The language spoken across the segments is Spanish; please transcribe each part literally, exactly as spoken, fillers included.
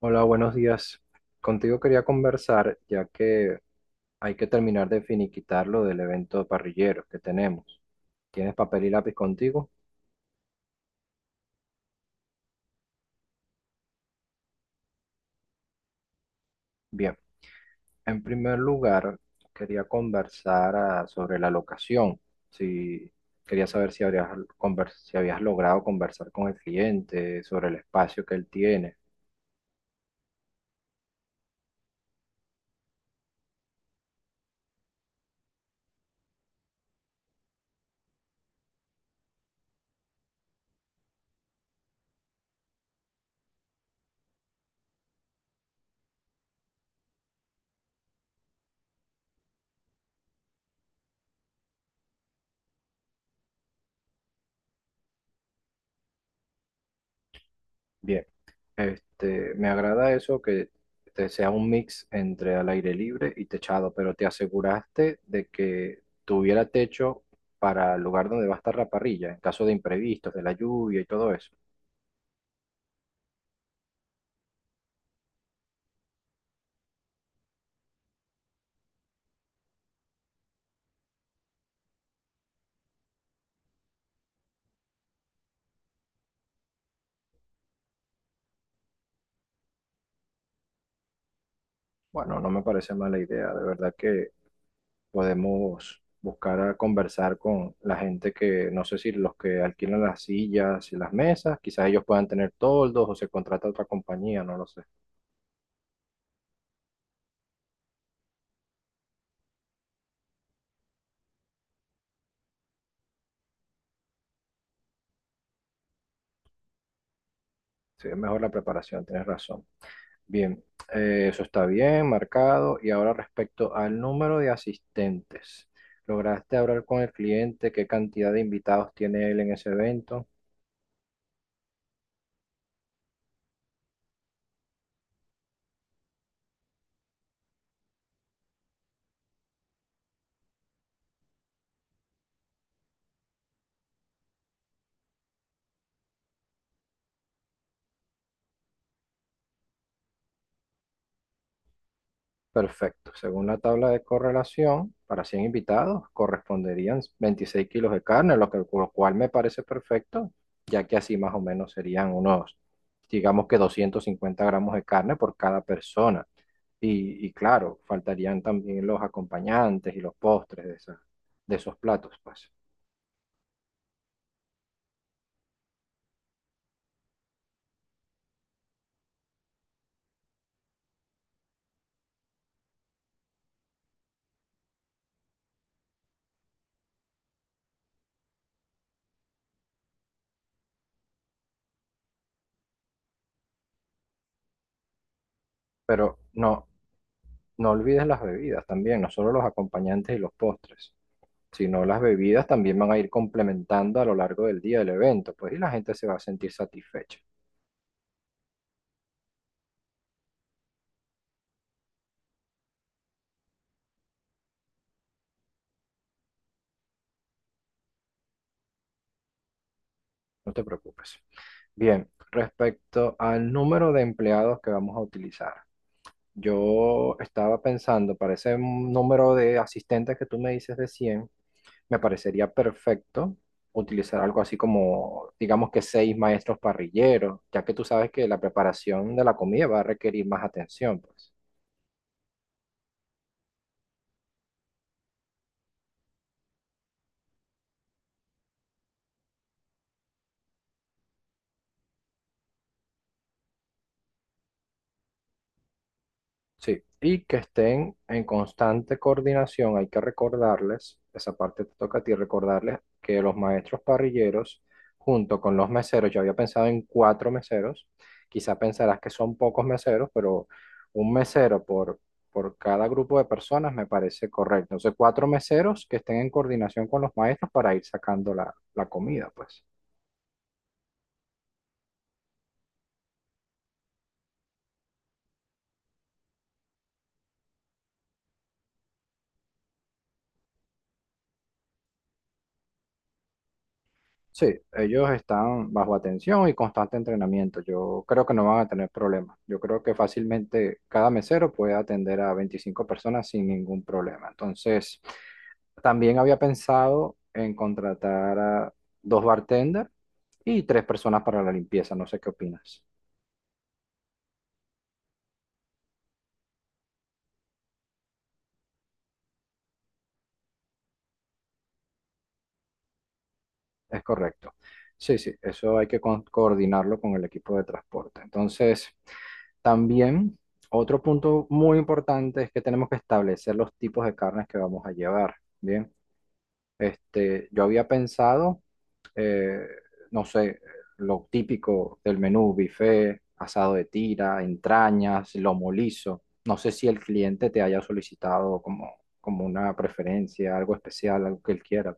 Hola, buenos días. Contigo quería conversar, ya que hay que terminar de finiquitar lo del evento de parrilleros que tenemos. ¿Tienes papel y lápiz contigo? Bien. En primer lugar, quería conversar ah, sobre la locación. Si quería saber si habrías conver- si habías logrado conversar con el cliente sobre el espacio que él tiene. Bien. Este, me agrada eso que te sea un mix entre al aire libre y techado, pero te aseguraste de que tuviera techo para el lugar donde va a estar la parrilla, en caso de imprevistos, de la lluvia y todo eso. Bueno, no me parece mala idea, de verdad que podemos buscar a conversar con la gente que, no sé si los que alquilan las sillas y las mesas, quizás ellos puedan tener toldos o se contrata otra compañía, no lo sé. Sí, es mejor la preparación, tienes razón. Bien, eh, eso está bien, marcado. Y ahora respecto al número de asistentes, ¿lograste hablar con el cliente? ¿Qué cantidad de invitados tiene él en ese evento? Perfecto. Según la tabla de correlación, para cien invitados corresponderían veintiséis kilos de carne, lo que, lo cual me parece perfecto, ya que así más o menos serían unos, digamos que doscientos cincuenta gramos de carne por cada persona. Y, y claro, faltarían también los acompañantes y los postres de, esa- de esos platos, pues. Pero no, no olvides las bebidas también, no solo los acompañantes y los postres. Si no las bebidas también van a ir complementando a lo largo del día del evento, pues y la gente se va a sentir satisfecha, no te preocupes. Bien, respecto al número de empleados que vamos a utilizar, yo estaba pensando para ese número de asistentes que tú me dices de cien me parecería perfecto utilizar algo así como, digamos que seis maestros parrilleros, ya que tú sabes que la preparación de la comida va a requerir más atención, pues. Sí, y que estén en constante coordinación. Hay que recordarles, esa parte te toca a ti, recordarles que los maestros parrilleros, junto con los meseros, yo había pensado en cuatro meseros, quizá pensarás que son pocos meseros, pero un mesero por, por cada grupo de personas me parece correcto. Entonces, cuatro meseros que estén en coordinación con los maestros para ir sacando la, la comida, pues. Sí, ellos están bajo atención y constante entrenamiento. Yo creo que no van a tener problemas. Yo creo que fácilmente cada mesero puede atender a veinticinco personas sin ningún problema. Entonces, también había pensado en contratar a dos bartenders y tres personas para la limpieza. No sé qué opinas. Es correcto. Sí, sí, eso hay que con- coordinarlo con el equipo de transporte. Entonces, también otro punto muy importante es que tenemos que establecer los tipos de carnes que vamos a llevar. Bien, este, yo había pensado, eh, no sé, lo típico del menú, buffet, asado de tira, entrañas, lomo liso. No sé si el cliente te haya solicitado como, como una preferencia, algo especial, algo que él quiera.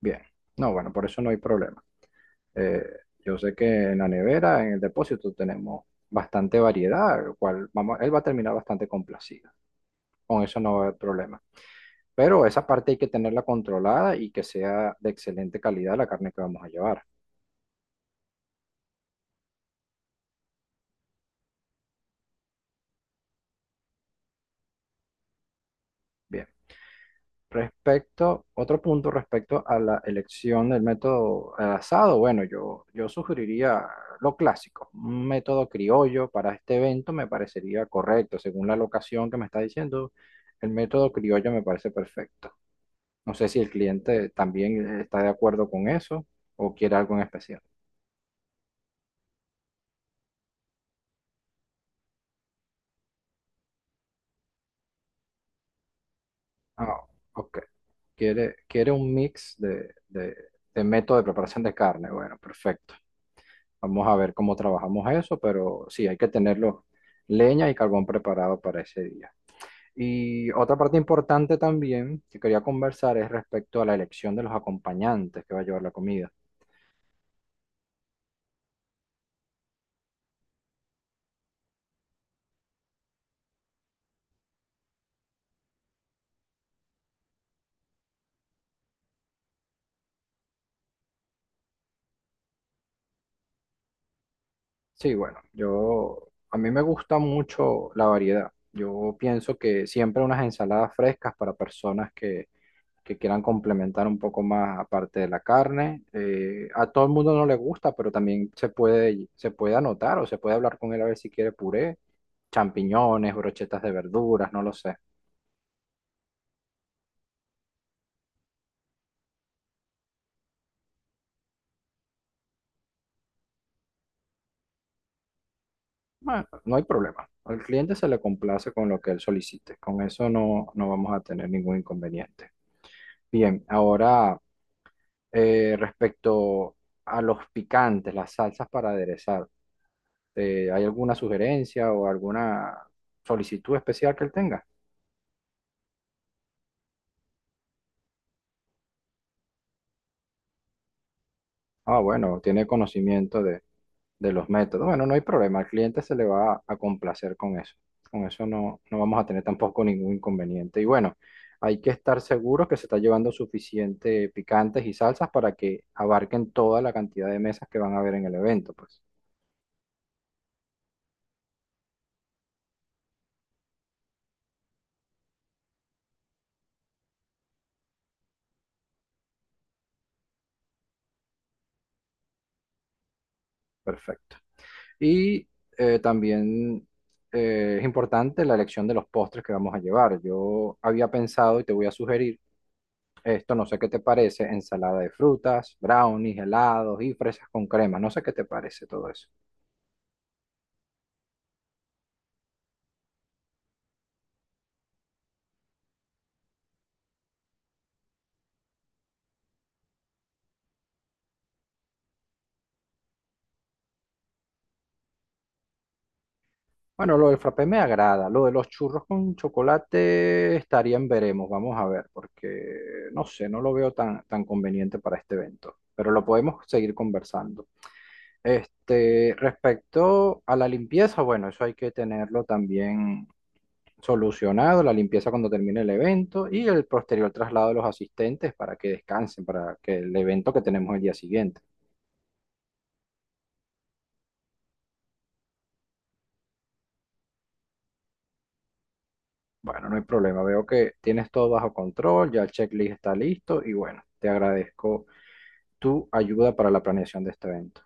Bien. No, bueno, por eso no hay problema. Eh, yo sé que en la nevera, en el depósito, tenemos bastante variedad, lo cual vamos, él va a terminar bastante complacido. Con eso no va a haber problema. Pero esa parte hay que tenerla controlada y que sea de excelente calidad la carne que vamos a llevar. Bien. Respecto, otro punto respecto a la elección del método al asado, bueno, yo, yo sugeriría lo clásico, un método criollo para este evento me parecería correcto, según la locación que me está diciendo, el método criollo me parece perfecto. No sé si el cliente también está de acuerdo con eso o quiere algo en especial. Ah, ok, quiere, quiere un mix de, de de método de preparación de carne, bueno, perfecto. Vamos a ver cómo trabajamos eso, pero sí, hay que tenerlo leña y carbón preparado para ese día. Y otra parte importante también que quería conversar es respecto a la elección de los acompañantes que va a llevar la comida. Sí, bueno, yo, a mí me gusta mucho la variedad. Yo pienso que siempre unas ensaladas frescas para personas que, que quieran complementar un poco más aparte de la carne. Eh, a todo el mundo no le gusta, pero también se puede, se puede anotar o se puede hablar con él a ver si quiere puré, champiñones, brochetas de verduras, no lo sé. Bueno, no hay problema. Al cliente se le complace con lo que él solicite. Con eso no, no vamos a tener ningún inconveniente. Bien, ahora... Eh, respecto a los picantes, las salsas para aderezar, eh, ¿hay alguna sugerencia o alguna solicitud especial que él tenga? Ah, bueno, tiene conocimiento de, de los métodos. Bueno, no hay problema, al cliente se le va a complacer con eso. Con eso no, no vamos a tener tampoco ningún inconveniente. Y bueno, hay que estar seguros que se está llevando suficiente picantes y salsas para que abarquen toda la cantidad de mesas que van a haber en el evento, pues. Perfecto. Y eh, también eh, es importante la elección de los postres que vamos a llevar. Yo había pensado y te voy a sugerir esto, no sé qué te parece, ensalada de frutas, brownies, helados y fresas con crema. No sé qué te parece todo eso. Bueno, lo del frappé me agrada. Lo de los churros con chocolate estaría en veremos. Vamos a ver, porque no sé, no lo veo tan, tan conveniente para este evento. Pero lo podemos seguir conversando. Este, respecto a la limpieza, bueno, eso hay que tenerlo también solucionado, la limpieza cuando termine el evento y el posterior traslado de los asistentes para que descansen, para que el evento que tenemos el día siguiente. Bueno, no hay problema, veo que tienes todo bajo control, ya el checklist está listo y bueno, te agradezco tu ayuda para la planeación de este evento.